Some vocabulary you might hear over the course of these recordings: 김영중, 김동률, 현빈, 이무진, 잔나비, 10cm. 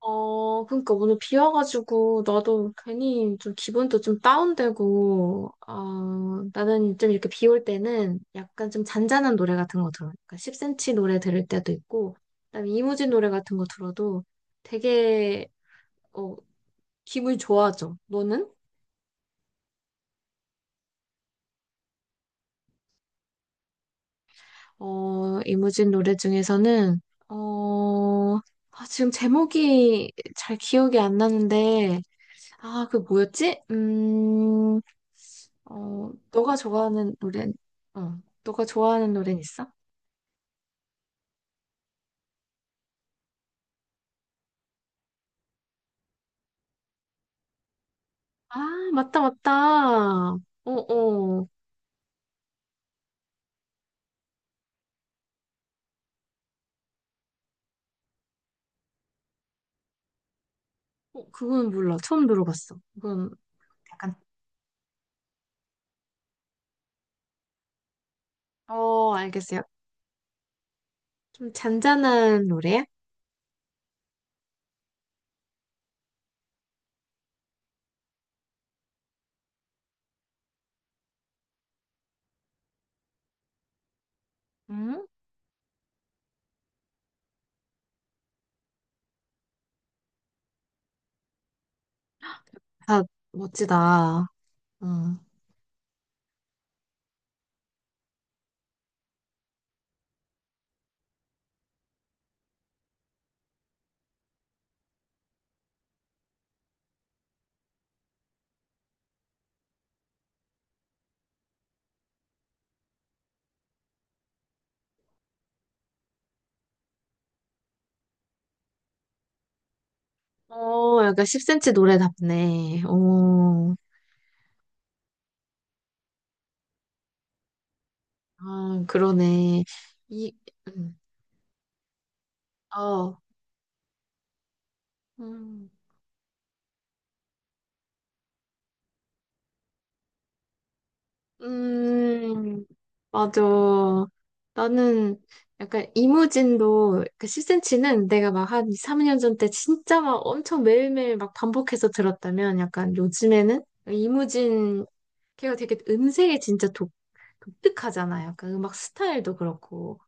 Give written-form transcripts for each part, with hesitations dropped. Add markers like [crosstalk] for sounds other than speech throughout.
그러니까 오늘 비 와가지고 나도 괜히 좀 기분도 좀 다운되고, 나는 좀 이렇게 비 올 때는 약간 좀 잔잔한 노래 같은 거 들어. 그러니까 10cm 노래 들을 때도 있고, 그다음에 이무진 노래 같은 거 들어도 되게 어, 기분이 좋아져. 너는? 이무진 노래 중에서는 어, 지금 제목이 잘 기억이 안 나는데, 아, 그 뭐였지? 음. 너가 좋아하는 노래, 너가 좋아하는 노래는 있어? 아, 맞다, 맞다. 어, 어. 어, 그건 몰라. 처음 들어봤어. 그건 약간, 어, 알겠어요. 좀 잔잔한 노래야? 응? 아, 멋지다. 응. 어, 약간 10cm 노래답네. 어, 아, 그러네. 이, 음, 어, 음, 맞아. 나는 약간 이무진도 그 10cm는 내가 막 한 2, 3년 전 때 진짜 막 엄청 매일매일 막 반복해서 들었다면 약간 요즘에는 이무진 걔가 되게 음색이 진짜 독특하잖아. 약간 음악 스타일도 그렇고.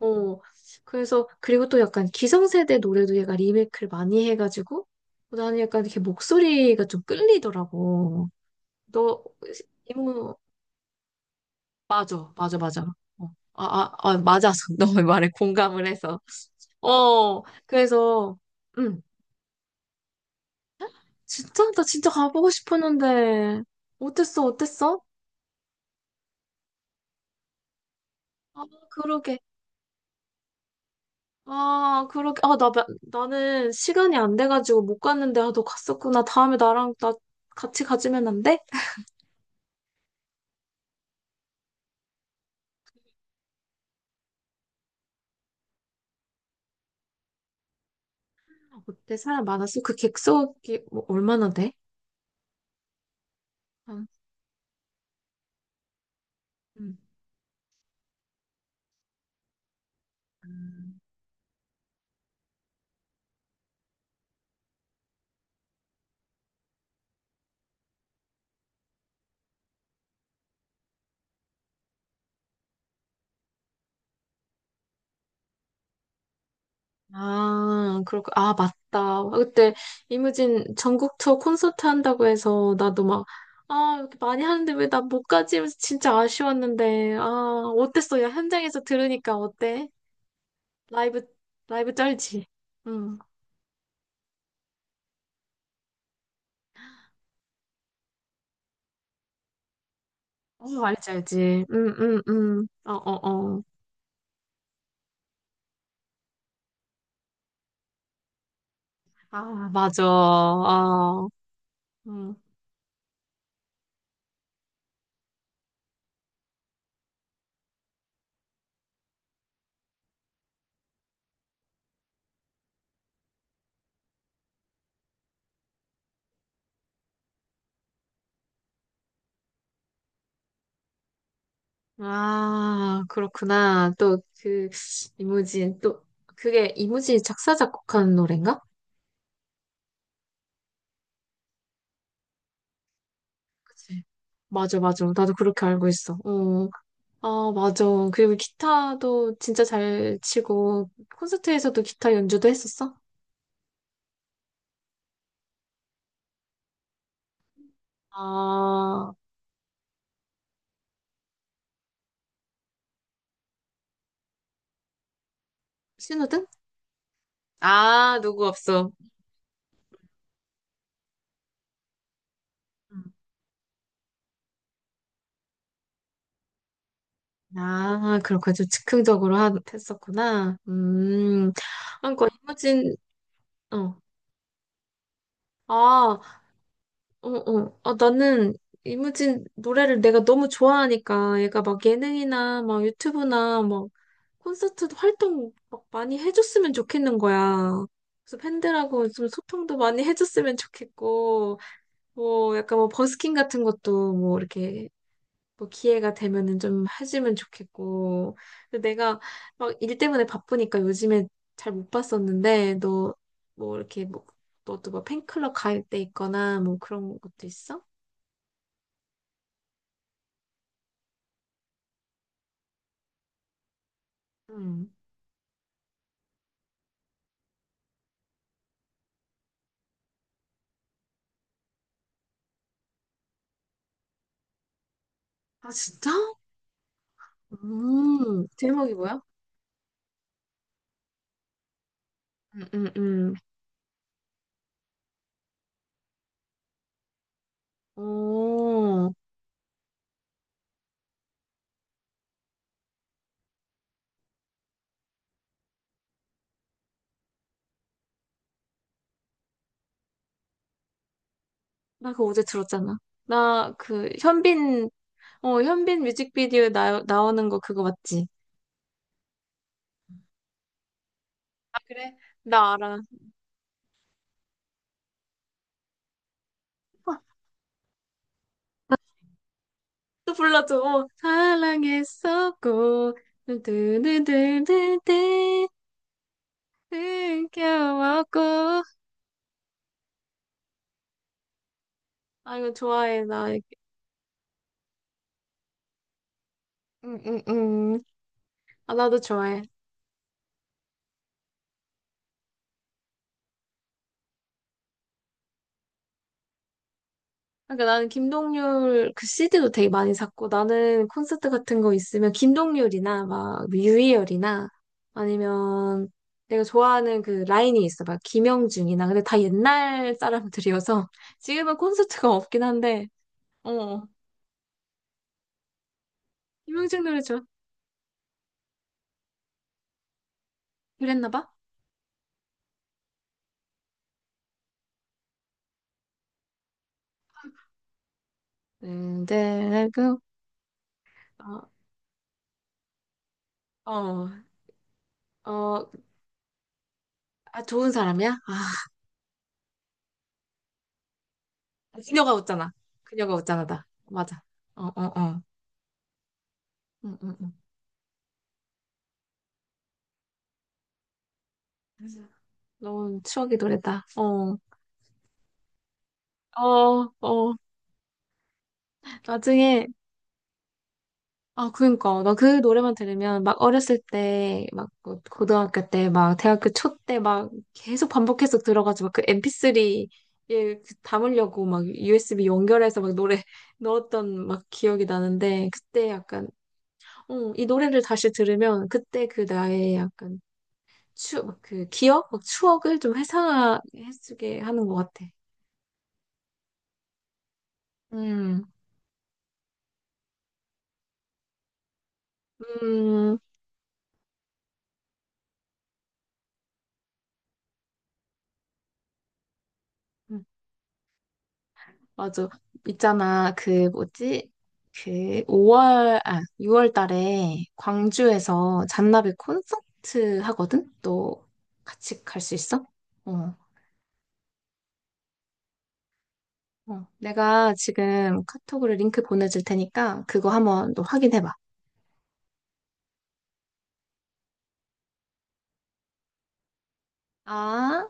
어, 그래서 그리고 또 약간 기성세대 노래도 얘가 리메이크를 많이 해가지고 나는 약간 이렇게 목소리가 좀 끌리더라고. 너 이무 맞아, 맞아, 맞아. 어, 맞아서 [laughs] 너의 말에 공감을 해서. 그래서, 음, 진짜, 나 진짜 가보고 싶었는데, 어땠어, 어땠어? 아, 그러게. 아, 그러게. 아, 나는 시간이 안 돼가지고 못 갔는데, 아, 너 갔었구나. 다음에 나 같이 가지면 안 돼? 어때? 사람 많았어? 그 객석이 뭐 얼마나 돼? 응. 음. 아, 그렇고, 아, 맞다. 그때 이무진 전국 투어 콘서트 한다고 해서 나도 막, 아, 이렇게 많이 하는데 왜 나 못 가지? 하면서 진짜 아쉬웠는데, 아, 어땠어? 야, 현장에서 들으니까 어때? 라이브, 라이브 쩔지? 응. 어, 알지, 알지. 응, 응, 응. 어, 어, 어. 아, 맞아. 아, 응. 아, 그렇구나. 또 이무진, 그게 이무진이 작사, 작곡한 노래인가? 그치. 맞아, 맞아. 나도 그렇게 알고 있어. 어, 아, 맞아. 그리고 기타도 진짜 잘 치고, 콘서트에서도 기타 연주도 했었어? 아, 신호등? 아, 누구 없어. 음. 아, 그렇구나. 좀 즉흥적으로 했었구나. 그러니까 이무진, 어. 아, 어, 어. 아, 나는 이무진 노래를 내가 너무 좋아하니까 얘가 막 예능이나 막 유튜브나 막 콘서트 활동 막 많이 해줬으면 좋겠는 거야. 그래서 팬들하고 좀 소통도 많이 해줬으면 좋겠고, 뭐 약간 뭐 버스킹 같은 것도 뭐 이렇게 뭐 기회가 되면은 좀 해주면 좋겠고. 근데 내가 막 일 때문에 바쁘니까 요즘에 잘 못 봤었는데, 너 뭐 이렇게 뭐 너도 뭐 팬클럽 가입돼 있거나 뭐 그런 것도 있어? 음. 아 진짜? 음. 제목이 뭐야? 음, 음, 음. 오. 나 그거 어제 들었잖아. 나 그 현빈, 현빈 뮤직비디오에 나오는 거 그거 맞지? 아, 그래? 나 알아. 어, 또 불러줘. 사랑했었고, 두두두두두, 느껴왔고. 아, 이거 좋아해, 나. 응, 응, 응. 아, 나도 좋아해. 아, 그러니까 나는 김동률 그 CD도 되게 많이 샀고 나는 콘서트 같은 거 있으면 김동률이나 막 유희열이나 아니면 내가 좋아하는 그 라인이 있어 막 김영중이나 근데 다 옛날 사람들이어서 [laughs] 지금은 콘서트가 없긴 한데 어 김영중 노래 좋아 그랬나 봐? 네, 어, 어, 어, 아, 좋은 사람이야? 아, 그녀가 웃잖아. 그녀가 웃잖아, 다 맞아. 어, 어, 어. 응, 응, 응. 너무 추억의 노래다. 어. 어, 어, 나중에, 아, 그니까, 나 그 노래만 들으면, 막, 어렸을 때, 막, 뭐 고등학교 때, 막, 대학교 초 때, 막, 계속 반복해서 들어가지고, 그 MP3에 담으려고, 막, USB 연결해서, 막, 노래 [laughs] 넣었던, 막, 기억이 나는데, 그때 약간, 이 노래를 다시 들으면, 그때 그 나의 약간, 막 그, 기억? 막, 추억을 좀 회상해주게 하는 것 같아. 음, 음, 맞아. 있잖아, 그, 뭐지? 그, 5월, 아, 6월 달에 광주에서 잔나비 콘서트 하거든? 너 같이 갈 수 있어? 어, 어. 내가 지금 카톡으로 링크 보내줄 테니까 그거 한번 너 확인해봐. 아.